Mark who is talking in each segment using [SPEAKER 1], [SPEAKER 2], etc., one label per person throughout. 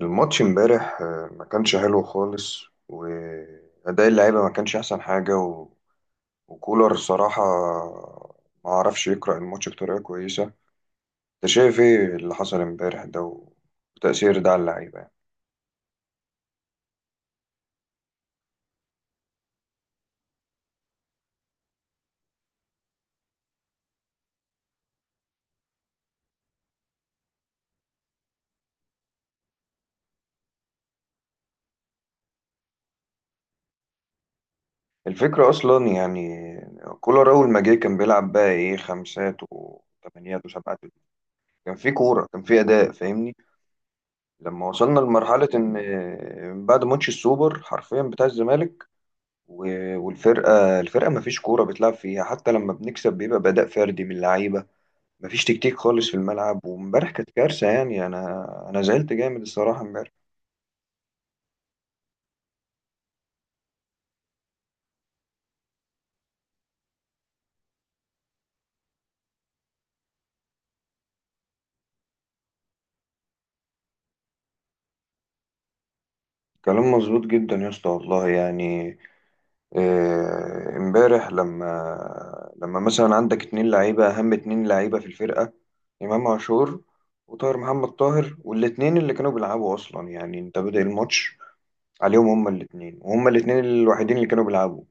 [SPEAKER 1] الماتش امبارح ما كانش حلو خالص وأداء اللعيبة ما كانش أحسن حاجة و... وكولر صراحة ما عرفش يقرأ الماتش بطريقة كويسة. أنت شايف إيه اللي حصل امبارح ده وتأثير ده على اللعيبة يعني؟ الفكرة أصلا يعني كولر أول ما جه كان بيلعب بقى إيه خمسات وثمانيات وسبعات، كان في كورة، كان في أداء، فاهمني؟ لما وصلنا لمرحلة إن بعد ماتش السوبر حرفيا بتاع الزمالك والفرقة ما فيش كورة بتلعب فيها، حتى لما بنكسب بيبقى بأداء فردي من اللعيبة. ما فيش تكتيك خالص في الملعب، وامبارح كانت كارثة يعني. أنا زعلت جامد الصراحة امبارح. كلام مظبوط جدا يا اسطى، والله يعني. امبارح لما مثلا عندك اتنين لعيبة، أهم اتنين لعيبة في الفرقة: إمام عاشور، وطاهر محمد طاهر، والاتنين اللي كانوا بيلعبوا أصلا يعني، أنت بادئ الماتش عليهم هما الاتنين، وهما الاتنين الوحيدين اللي كانوا بيلعبوا.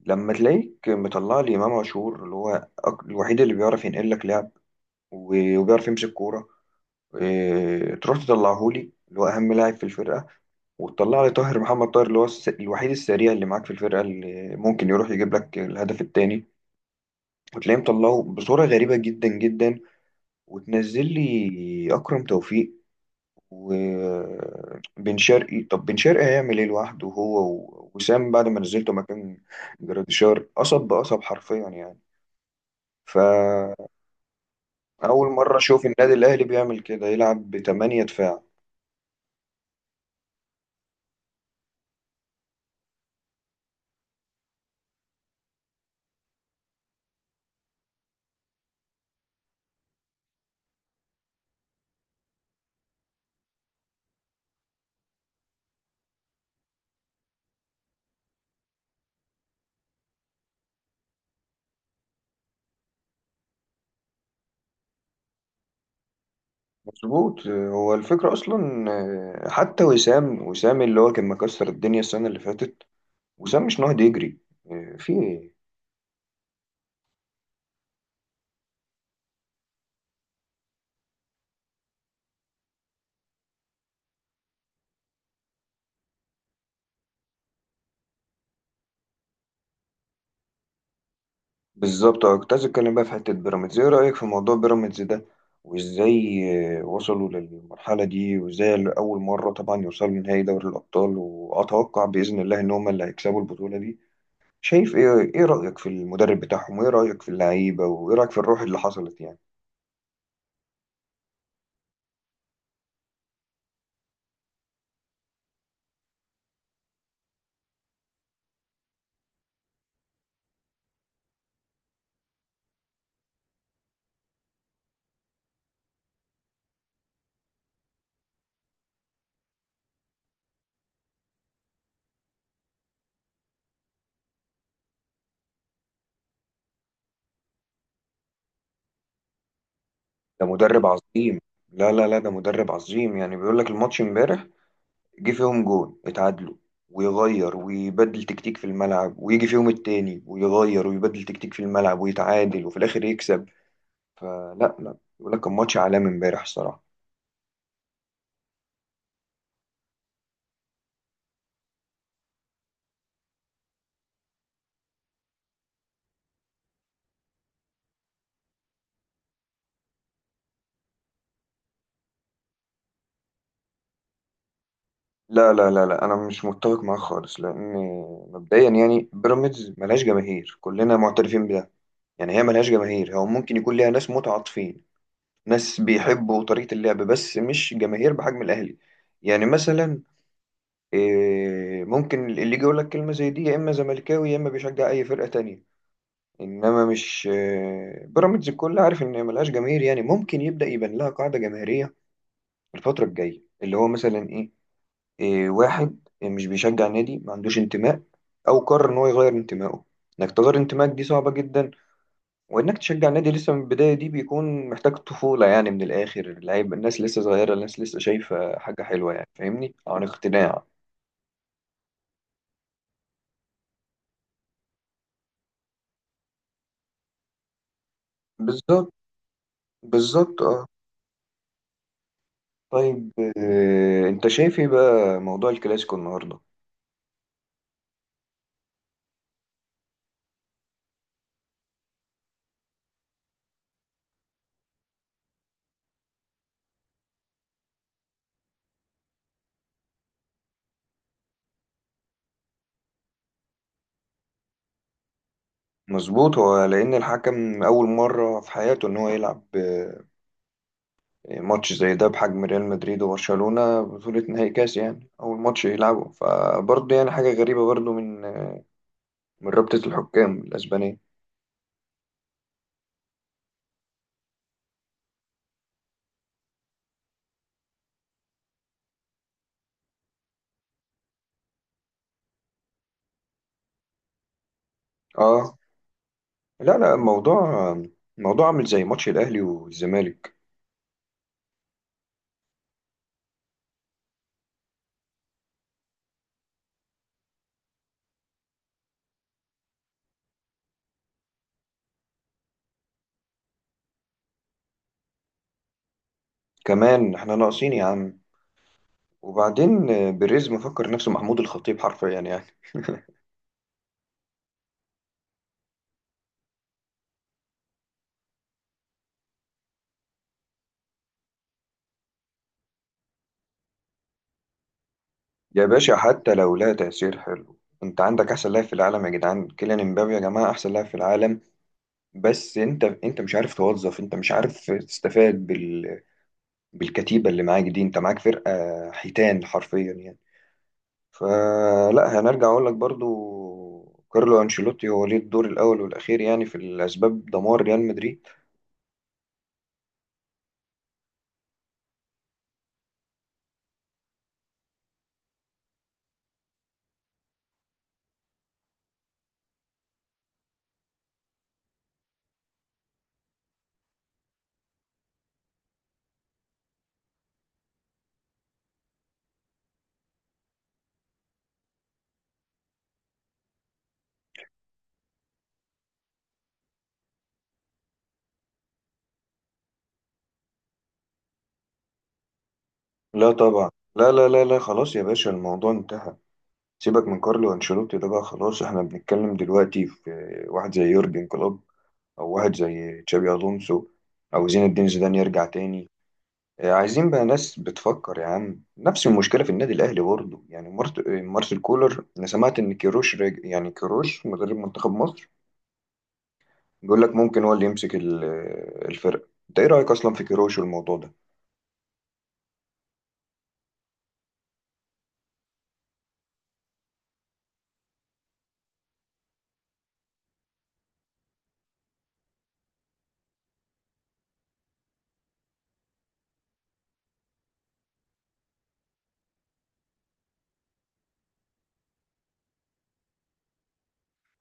[SPEAKER 1] لما تلاقيك مطلع لي امام عاشور اللي هو الوحيد اللي بيعرف ينقل لك لعب، وبيعرف يمسك كوره، إيه، تروح تطلعه لي اللي هو اهم لاعب في الفرقه، وتطلع لي طاهر محمد طاهر اللي هو الوحيد السريع اللي معاك في الفرقه، اللي ممكن يروح يجيب لك الهدف الثاني، وتلاقيه مطلعه بصوره غريبه جدا جدا، وتنزل لي اكرم توفيق وبن شرقي. طب بن شرقي هيعمل ايه لوحده هو وسام بعد ما نزلته مكان جراديشار؟ قصب بقصب حرفيا يعني. فأول مرة أشوف النادي الأهلي بيعمل كده، يلعب بتمانية دفاع. مظبوط، هو الفكرة أصلا. حتى وسام اللي هو كان مكسر الدنيا السنة اللي فاتت، وسام مش نهض يجري. آه، في إيه؟ بالظبط. أه، كنت عايز أتكلم بقى في حتة بيراميدز. إيه رأيك في موضوع بيراميدز ده، وإزاي وصلوا للمرحلة دي، وإزاي أول مرة طبعا يوصلوا لنهائي دوري الأبطال؟ وأتوقع بإذن الله إن هما اللي هيكسبوا البطولة دي. شايف ايه؟ ايه رأيك في المدرب بتاعهم، وايه رأيك في اللعيبة، وايه رأيك في الروح اللي حصلت يعني؟ ده مدرب عظيم. لا ده مدرب عظيم يعني. بيقول لك الماتش امبارح جه فيهم جون، اتعادلوا، ويغير ويبدل تكتيك في الملعب، ويجي فيهم التاني، ويغير ويبدل تكتيك في الملعب، ويتعادل، وفي الآخر يكسب. فلا لا بيقول لك كان ماتش عالمي امبارح الصراحة. لا انا مش متفق معاه خالص، لان مبدئيا يعني بيراميدز ملهاش جماهير، كلنا معترفين بده. يعني هي ملهاش جماهير، هو ممكن يكون ليها ناس متعاطفين، ناس بيحبوا طريقة اللعب، بس مش جماهير بحجم الأهلي. يعني مثلا إيه، ممكن اللي يجي يقول لك كلمة زي دي يا إما زملكاوي يا إما بيشجع أي فرقة تانية. إنما مش بيراميدز الكل عارف إن هي ملهاش جماهير. يعني ممكن يبدأ يبان لها قاعدة جماهيرية الفترة الجاية، اللي هو مثلا إيه، إيه، واحد مش بيشجع نادي، ما عندوش انتماء، أو قرر إن هو يغير انتمائه. إنك تغير انتمائك دي صعبة جدا. وانك تشجع نادي لسه من البدايه دي بيكون محتاج طفوله يعني، من الاخر اللعيب. الناس لسه صغيره، الناس لسه شايفه حاجه حلوه يعني فاهمني، عن اقتناع. بالظبط. بالظبط، اه. طيب. انت شايف ايه بقى موضوع الكلاسيكو النهارده؟ مظبوط. هو لان الحكم اول مره في حياته ان هو يلعب ماتش زي ده بحجم ريال مدريد وبرشلونه، بطوله نهائي كاس يعني، اول ماتش يلعبه، فبرضه يعني حاجه غريبه برضه من من رابطه الحكام الاسبانيه. اه. لا، لا، الموضوع، الموضوع عامل زي ماتش الأهلي والزمالك. كمان احنا ناقصين يا عم. وبعدين بيريز مفكر نفسه محمود الخطيب حرفيا يعني. يا باشا، حتى لو لا تأثير حلو، انت عندك احسن لاعب في العالم يا جدعان، كيليان امبابي يا جماعة، احسن لاعب في العالم. بس انت مش عارف توظف، انت مش عارف تستفاد بال... بالكتيبة اللي معاك دي. انت معاك فرقة حيتان حرفيا يعني. فلا، هنرجع اقول لك برضو، كارلو انشيلوتي هو ليه الدور الاول والاخير يعني في الاسباب، دمار ريال مدريد. لا طبعا. لا خلاص يا باشا، الموضوع انتهى. سيبك من كارلو انشيلوتي ده بقى، خلاص. احنا بنتكلم دلوقتي في واحد زي يورجن كلوب، او واحد زي تشابي الونسو، او زين الدين زيدان يرجع تاني. عايزين بقى ناس بتفكر يا عم. نفس المشكله في النادي الاهلي برضه يعني، مارسيل كولر. انا سمعت ان كيروش راجع، يعني كيروش مدرب منتخب مصر، بيقول لك ممكن هو اللي يمسك الفرقة. انت ايه رأيك اصلا في كيروش والموضوع ده؟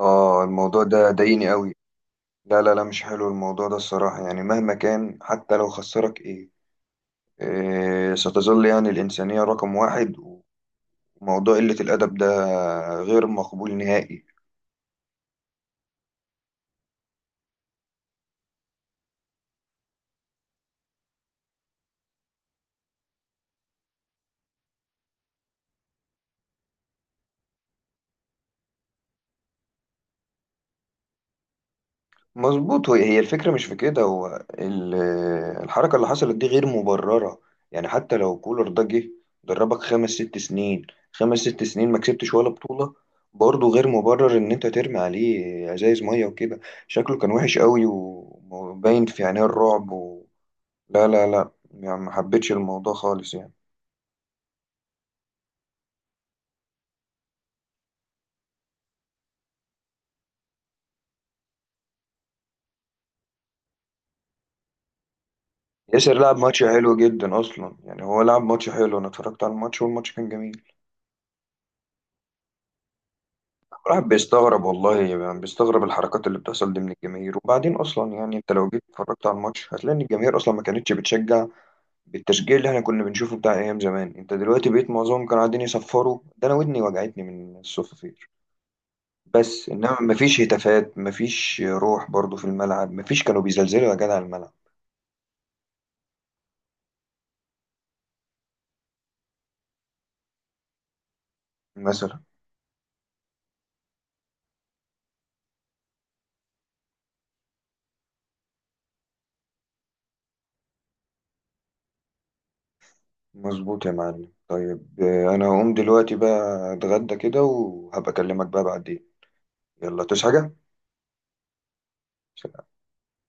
[SPEAKER 1] اه الموضوع ده ضايقني قوي. لا مش حلو الموضوع ده الصراحة يعني. مهما كان، حتى لو خسرك ايه، إيه، ستظل يعني الإنسانية رقم 1. وموضوع قلة الأدب ده غير مقبول نهائي. مظبوط. هي الفكرة مش في كده، هو الحركة اللي حصلت دي غير مبررة. يعني حتى لو كولر ده جه دربك 5 ست سنين، خمس ست سنين ما كسبتش ولا بطولة، برضه غير مبرر إن أنت ترمي عليه ازايز مية وكده. شكله كان وحش قوي، وباين في عينيه الرعب و... لا يعني ما حبيتش الموضوع خالص يعني. ياسر لعب ماتش حلو جدا أصلا يعني. هو لعب ماتش حلو، أنا اتفرجت على الماتش والماتش كان جميل. الواحد بيستغرب والله يعني، بيستغرب الحركات اللي بتحصل دي من الجماهير. وبعدين اصلا يعني انت لو جيت اتفرجت على الماتش هتلاقي ان الجماهير اصلا ما كانتش بتشجع بالتشجيع اللي احنا كنا بنشوفه بتاع ايام زمان. انت دلوقتي بقيت معظمهم كانوا قاعدين يصفروا، ده انا ودني وجعتني من الصفافير. بس انما ما فيش هتافات، ما فيش روح برضو في الملعب، ما فيش كانوا بيزلزلوا يا جدع الملعب مثلا. مظبوط يا معلم. طيب انا هقوم دلوقتي بقى اتغدى كده، وهبقى اكلمك بقى بعدين. يلا تصحى حاجه.